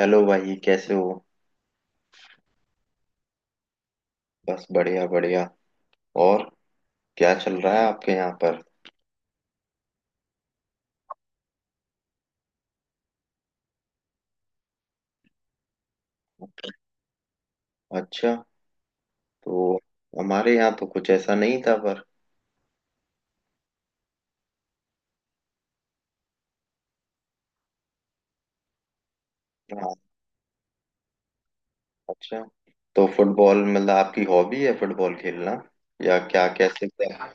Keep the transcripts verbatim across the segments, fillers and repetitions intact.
Hello भाई, कैसे हो। बस बढ़िया बढ़िया। और क्या चल रहा है आपके यहाँ पर। अच्छा, तो हमारे यहाँ तो कुछ ऐसा नहीं था पर। हाँ, अच्छा, तो फुटबॉल मतलब आपकी हॉबी है फुटबॉल खेलना या क्या कैसे क्या।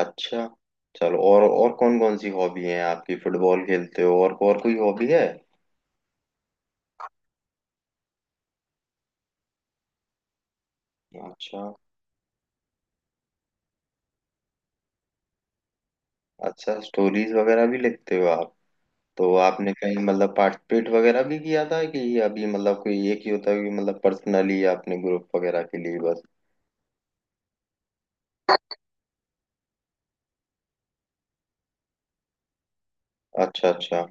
अच्छा, चलो, और और कौन कौन सी हॉबी है आपकी। फुटबॉल खेलते हो और और कोई हॉबी है। अच्छा, अच्छा स्टोरीज वगैरह भी लिखते हो आप। तो आपने कहीं मतलब पार्टिसिपेट वगैरह भी किया था कि अभी, मतलब कोई एक ही होता है कि मतलब पर्सनली आपने ग्रुप वगैरह के लिए, बस। अच्छा अच्छा।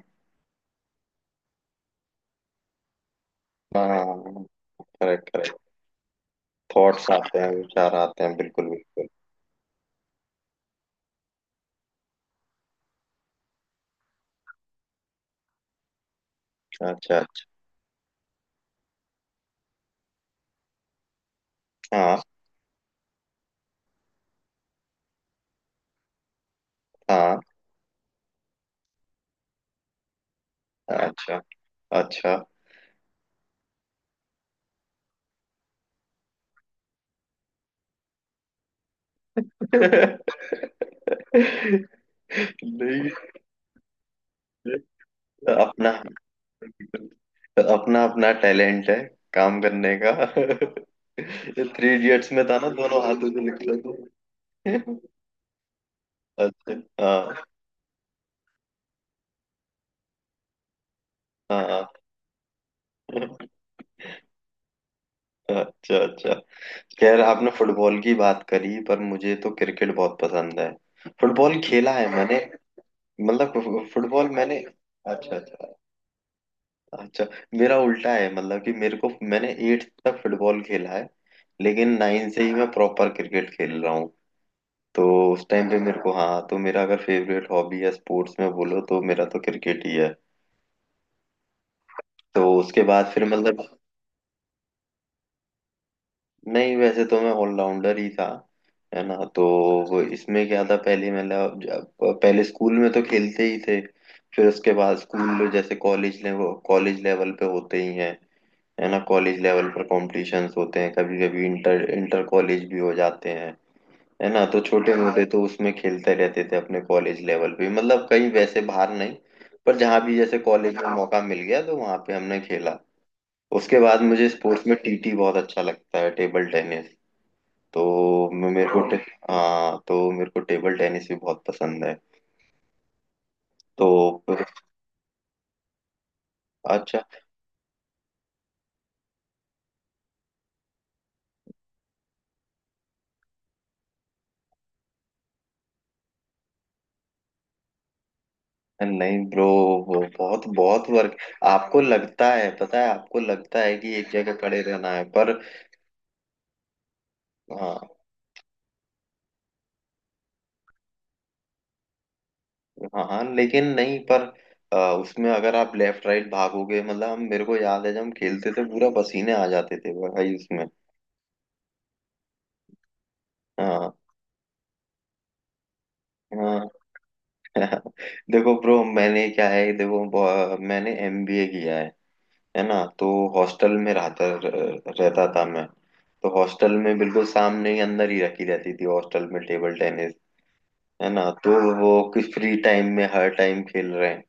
हाँ हाँ, करेक्ट करेक्ट। थॉट्स आते हैं, विचार आते हैं, बिल्कुल बिल्कुल। अच्छा अच्छा। हाँ हाँ। अच्छा अच्छा। नहीं, अपना अपना अपना टैलेंट है काम करने का। थ्री इडियट्स में था ना, दोनों हाथों से निकला। तो अच्छा। हाँ हाँ। अच्छा अच्छा। खैर, आपने फुटबॉल की बात करी, पर मुझे तो क्रिकेट बहुत पसंद है। फुटबॉल खेला है मैंने। मतलब फु- फुटबॉल मैंने। अच्छा अच्छा। अच्छा, मेरा उल्टा है, मतलब कि मेरे को, मैंने एट्थ तक फुटबॉल खेला है। लेकिन नाइन से ही मैं प्रॉपर क्रिकेट खेल रहा हूँ। तो उस टाइम पे मेरे को, हाँ, तो मेरा अगर फेवरेट हॉबी या स्पोर्ट्स में बोलो तो मेरा तो क्रिकेट ही है। तो उसके बाद फिर मतलब, नहीं वैसे तो मैं ऑलराउंडर ही था, है ना। तो वो इसमें क्या था पहले, मतलब जब- पहले स्कूल में तो खेलते ही थे। फिर उसके बाद स्कूल जैसे कॉलेज लेवल, कॉलेज लेवल पे होते ही हैं, है ना। कॉलेज लेवल पर कॉम्पिटिशन्स होते हैं, कभी कभी इंटर इंटर कॉलेज भी हो जाते हैं, है ना। तो छोटे मोटे तो उसमें खेलते रहते थे, अपने कॉलेज लेवल पे, मतलब कहीं वैसे बाहर नहीं, पर जहाँ भी जैसे कॉलेज में मौका मिल गया तो वहाँ पे हमने खेला। उसके बाद मुझे स्पोर्ट्स में टीटी बहुत अच्छा लगता है, टेबल टेनिस। तो मैं- मेरे को, हाँ टे- हाँ तो मेरे को टेबल टेनिस भी बहुत पसंद है। तो फिर- अच्छा, नहीं ब्रो, वो बहुत बहुत वर्क। आपको लगता है, पता है आपको लगता है कि एक जगह खड़े रहना है, पर हाँ हाँ। हाँ, लेकिन नहीं, पर आ, उसमें अगर आप लेफ्ट राइट भागोगे, मतलब हम, मेरे को याद है जब हम खेलते थे, पूरा पसीने आ जाते थे भाई उसमें। हाँ हाँ। देखो ब्रो, मैंने क्या है, देखो ब- मैंने एमबीए किया है है ना। तो हॉस्टल में रहता रहता था मैं। तो हॉस्टल में बिल्कुल सामने ही, अंदर ही रखी रहती थी हॉस्टल में टेबल टेनिस, है ना। तो वो किस, फ्री टाइम में हर टाइम खेल रहे हैं।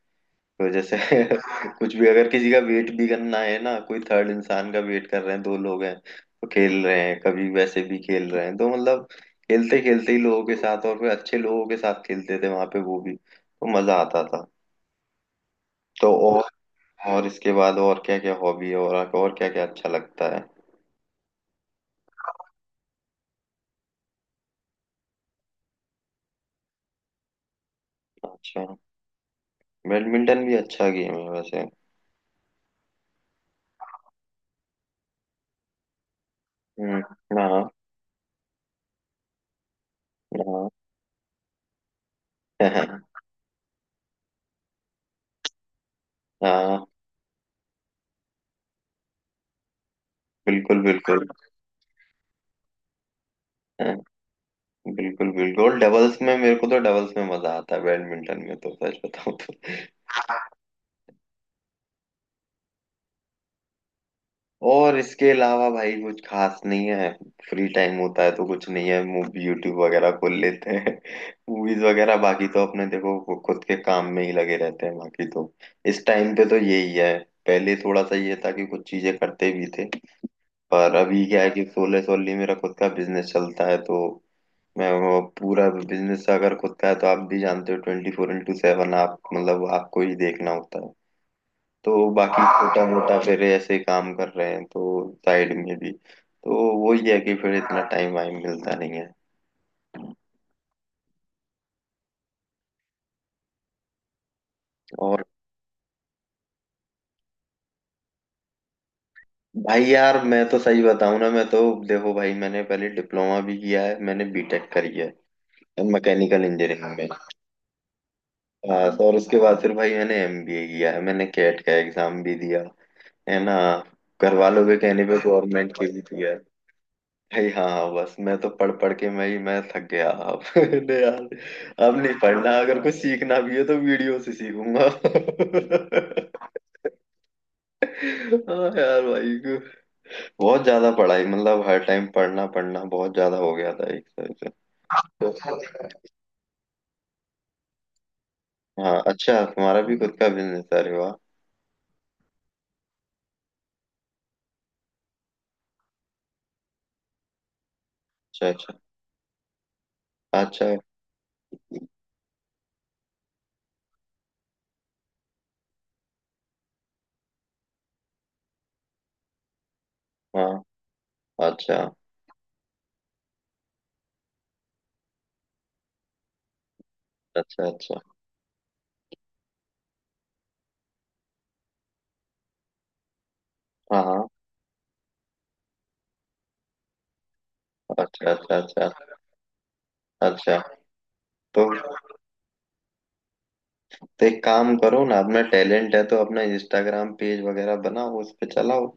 तो जैसे कुछ भी, अगर किसी का वेट भी करना है ना, कोई थर्ड इंसान का वेट कर रहे हैं, दो लोग हैं तो खेल रहे हैं, कभी वैसे भी खेल रहे हैं। तो मतलब खेलते खेलते ही लोगों के साथ, और फिर अच्छे लोगों के साथ खेलते थे वहां पे, वो भी तो मजा आता था। तो और और इसके बाद और क्या क्या हॉबी है, और और क्या क्या अच्छा लगता है। अच्छा, बैडमिंटन भी अच्छा गेम है वैसे। हम्म। हाँ हाँ। हाँ बिल्कुल बिल्कुल। हाँ, बिल्कुल बिल्कुल, डबल्स में मेरे को, तो डबल्स में मजा आता है बैडमिंटन में, तो सच बताऊं तो। और इसके अलावा भाई कुछ खास नहीं है। फ्री टाइम होता है तो कुछ नहीं है, मूवी यूट्यूब वगैरह खोल लेते हैं। मूवीज वगैरह, बाकी तो अपने, देखो वो खुद के काम में ही लगे रहते हैं बाकी तो। इस टाइम पे तो यही है। पहले थोड़ा सा ये था कि कुछ चीजें करते भी थे, पर अभी क्या है कि सोलह सोली मेरा खुद का बिजनेस चलता है। तो मैं, वो पूरा बिजनेस अगर खुद का है तो आप भी जानते हो, ट्वेंटी फोर इंटू सेवन आप, मतलब आपको ही देखना होता है। तो बाकी छोटा मोटा फिर ऐसे काम कर रहे हैं, तो साइड में भी तो, वही है कि फिर इतना टाइम वाइम मिलता नहीं है। और भाई यार, मैं तो सही बताऊं ना, मैं तो, देखो भाई, मैंने पहले डिप्लोमा भी किया है, मैंने बीटेक करी है मैकेनिकल इंजीनियरिंग में। हाँ तो, और उसके बाद फिर भाई मैंने एमबीए किया है, मैंने कैट का एग्जाम भी दिया, है ना। घर वालों के कहने पे गवर्नमेंट के भी दिया है भाई। हाँ हाँ, बस मैं तो पढ़ पढ़ के, मैं ही मैं थक गया अब। नहीं यार, अब नहीं पढ़ना, अगर कुछ सीखना भी है तो वीडियो से सीखूंगा। हाँ यार भाई, बहुत ज्यादा पढ़ाई, मतलब हर टाइम पढ़ना पढ़ना बहुत ज्यादा हो गया था एक तरह से। तो, हाँ, अच्छा तुम्हारा भी खुद का बिजनेस है, अरे वाह। अच्छा अच्छा अच्छा। हाँ। अच्छा अच्छा अच्छा। हाँ हाँ। अच्छा अच्छा। अच्छा अच्छा। तो तो एक काम करो ना, अपना टैलेंट है तो अपना इंस्टाग्राम पेज वगैरह बनाओ, उस पे चलाओ।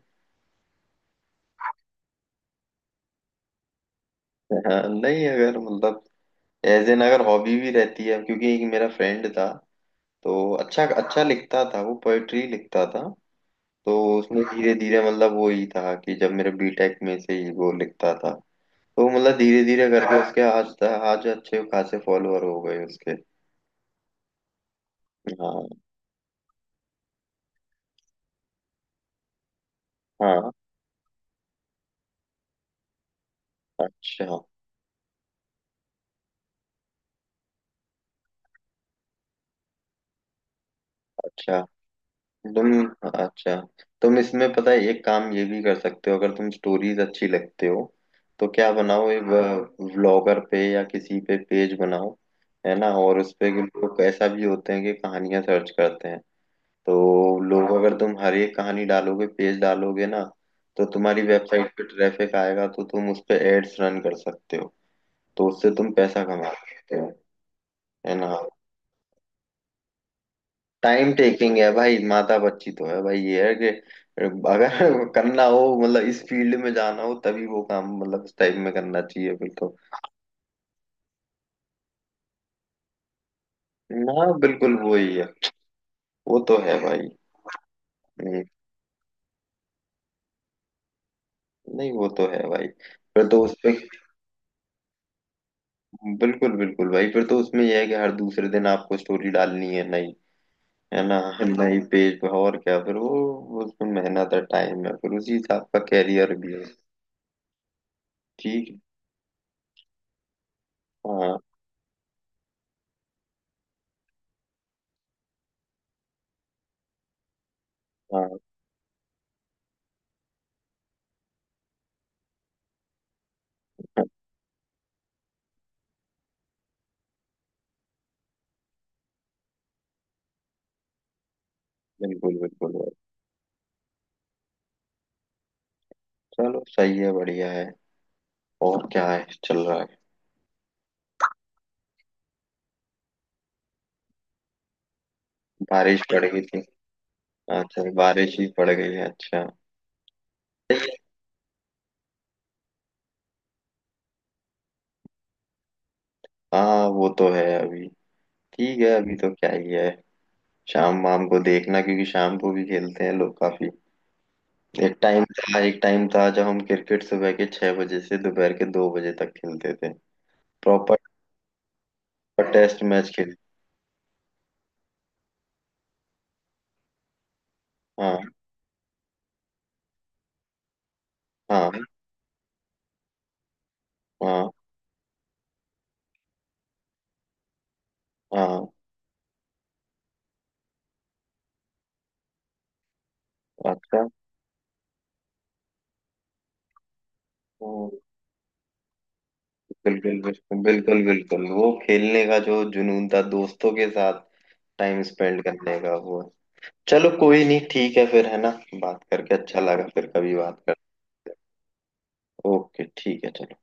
हाँ, नहीं, अगर मतलब एज एन अगर हॉबी भी रहती है, क्योंकि एक मेरा फ्रेंड था तो अच्छा अच्छा लिखता था, वो पोएट्री लिखता था। तो उसने धीरे धीरे, मतलब वो ही था कि जब, मेरे बीटेक में से ही वो लिखता था। तो मतलब धीरे धीरे करके उसके, आज आज अच्छे खासे फॉलोअर हो गए उसके। हाँ हाँ। अच्छा अच्छा। तुम अच्छा, तुम इसमें पता है एक काम ये भी कर सकते हो, अगर तुम स्टोरीज अच्छी लगते हो तो क्या, बनाओ एक व्लॉगर पे या किसी पे पेज बनाओ, है ना। और उस पे कि लोग ऐसा भी होते हैं कि कहानियां सर्च करते हैं। तो लोग, अगर तुम हर एक कहानी डालोगे, पेज डालोगे ना, तो तुम्हारी वेबसाइट पे ट्रैफिक आएगा, तो तुम उस पे एड्स रन कर सकते हो। तो उससे तुम पैसा कमा सकते हो, है ना। टाइम टेकिंग है भाई, माता बच्ची तो है भाई, ये है कि अगर करना हो, मतलब इस फील्ड में जाना हो तभी वो काम, मतलब उस टाइप में करना चाहिए बिल्कुल। हाँ बिल्कुल, वो ही है। वो तो है भाई। हम्म, नहीं वो तो है भाई। फिर तो उसपे बिल्कुल बिल्कुल भाई, फिर तो उसमें यह है कि हर दूसरे दिन आपको स्टोरी डालनी है नई, है ना, नई पेज पे। और क्या फिर वो वो उसमें मेहनत है, टाइम है, फिर उसी हिसाब का कैरियर भी है। ठीक है। हाँ हाँ। हाँ, बिल्कुल बिल्कुल। चलो सही है, बढ़िया है। और क्या है, चल रहा है। बारिश पड़ गई थी। अच्छा, बारिश ही पड़ गई है, अच्छा। हाँ वो तो है। अभी ठीक है, अभी तो क्या ही है। शाम वाम को देखना, क्योंकि शाम को भी खेलते हैं लोग काफी। एक टाइम था एक टाइम था जब हम क्रिकेट सुबह के छह बजे से दोपहर के दो बजे तक खेलते थे, प्रॉपर टेस्ट मैच खेल। हाँ हाँ। हाँ हाँ। अच्छा। हम्म, बिल्कुल बिल्कुल बिल्कुल बिल्कुल, वो खेलने का जो जुनून था दोस्तों के साथ टाइम स्पेंड करने का, वो है। चलो कोई नहीं, ठीक है फिर, है ना। बात करके अच्छा लगा, फिर कभी बात करते हैं। ओके ठीक है, चलो।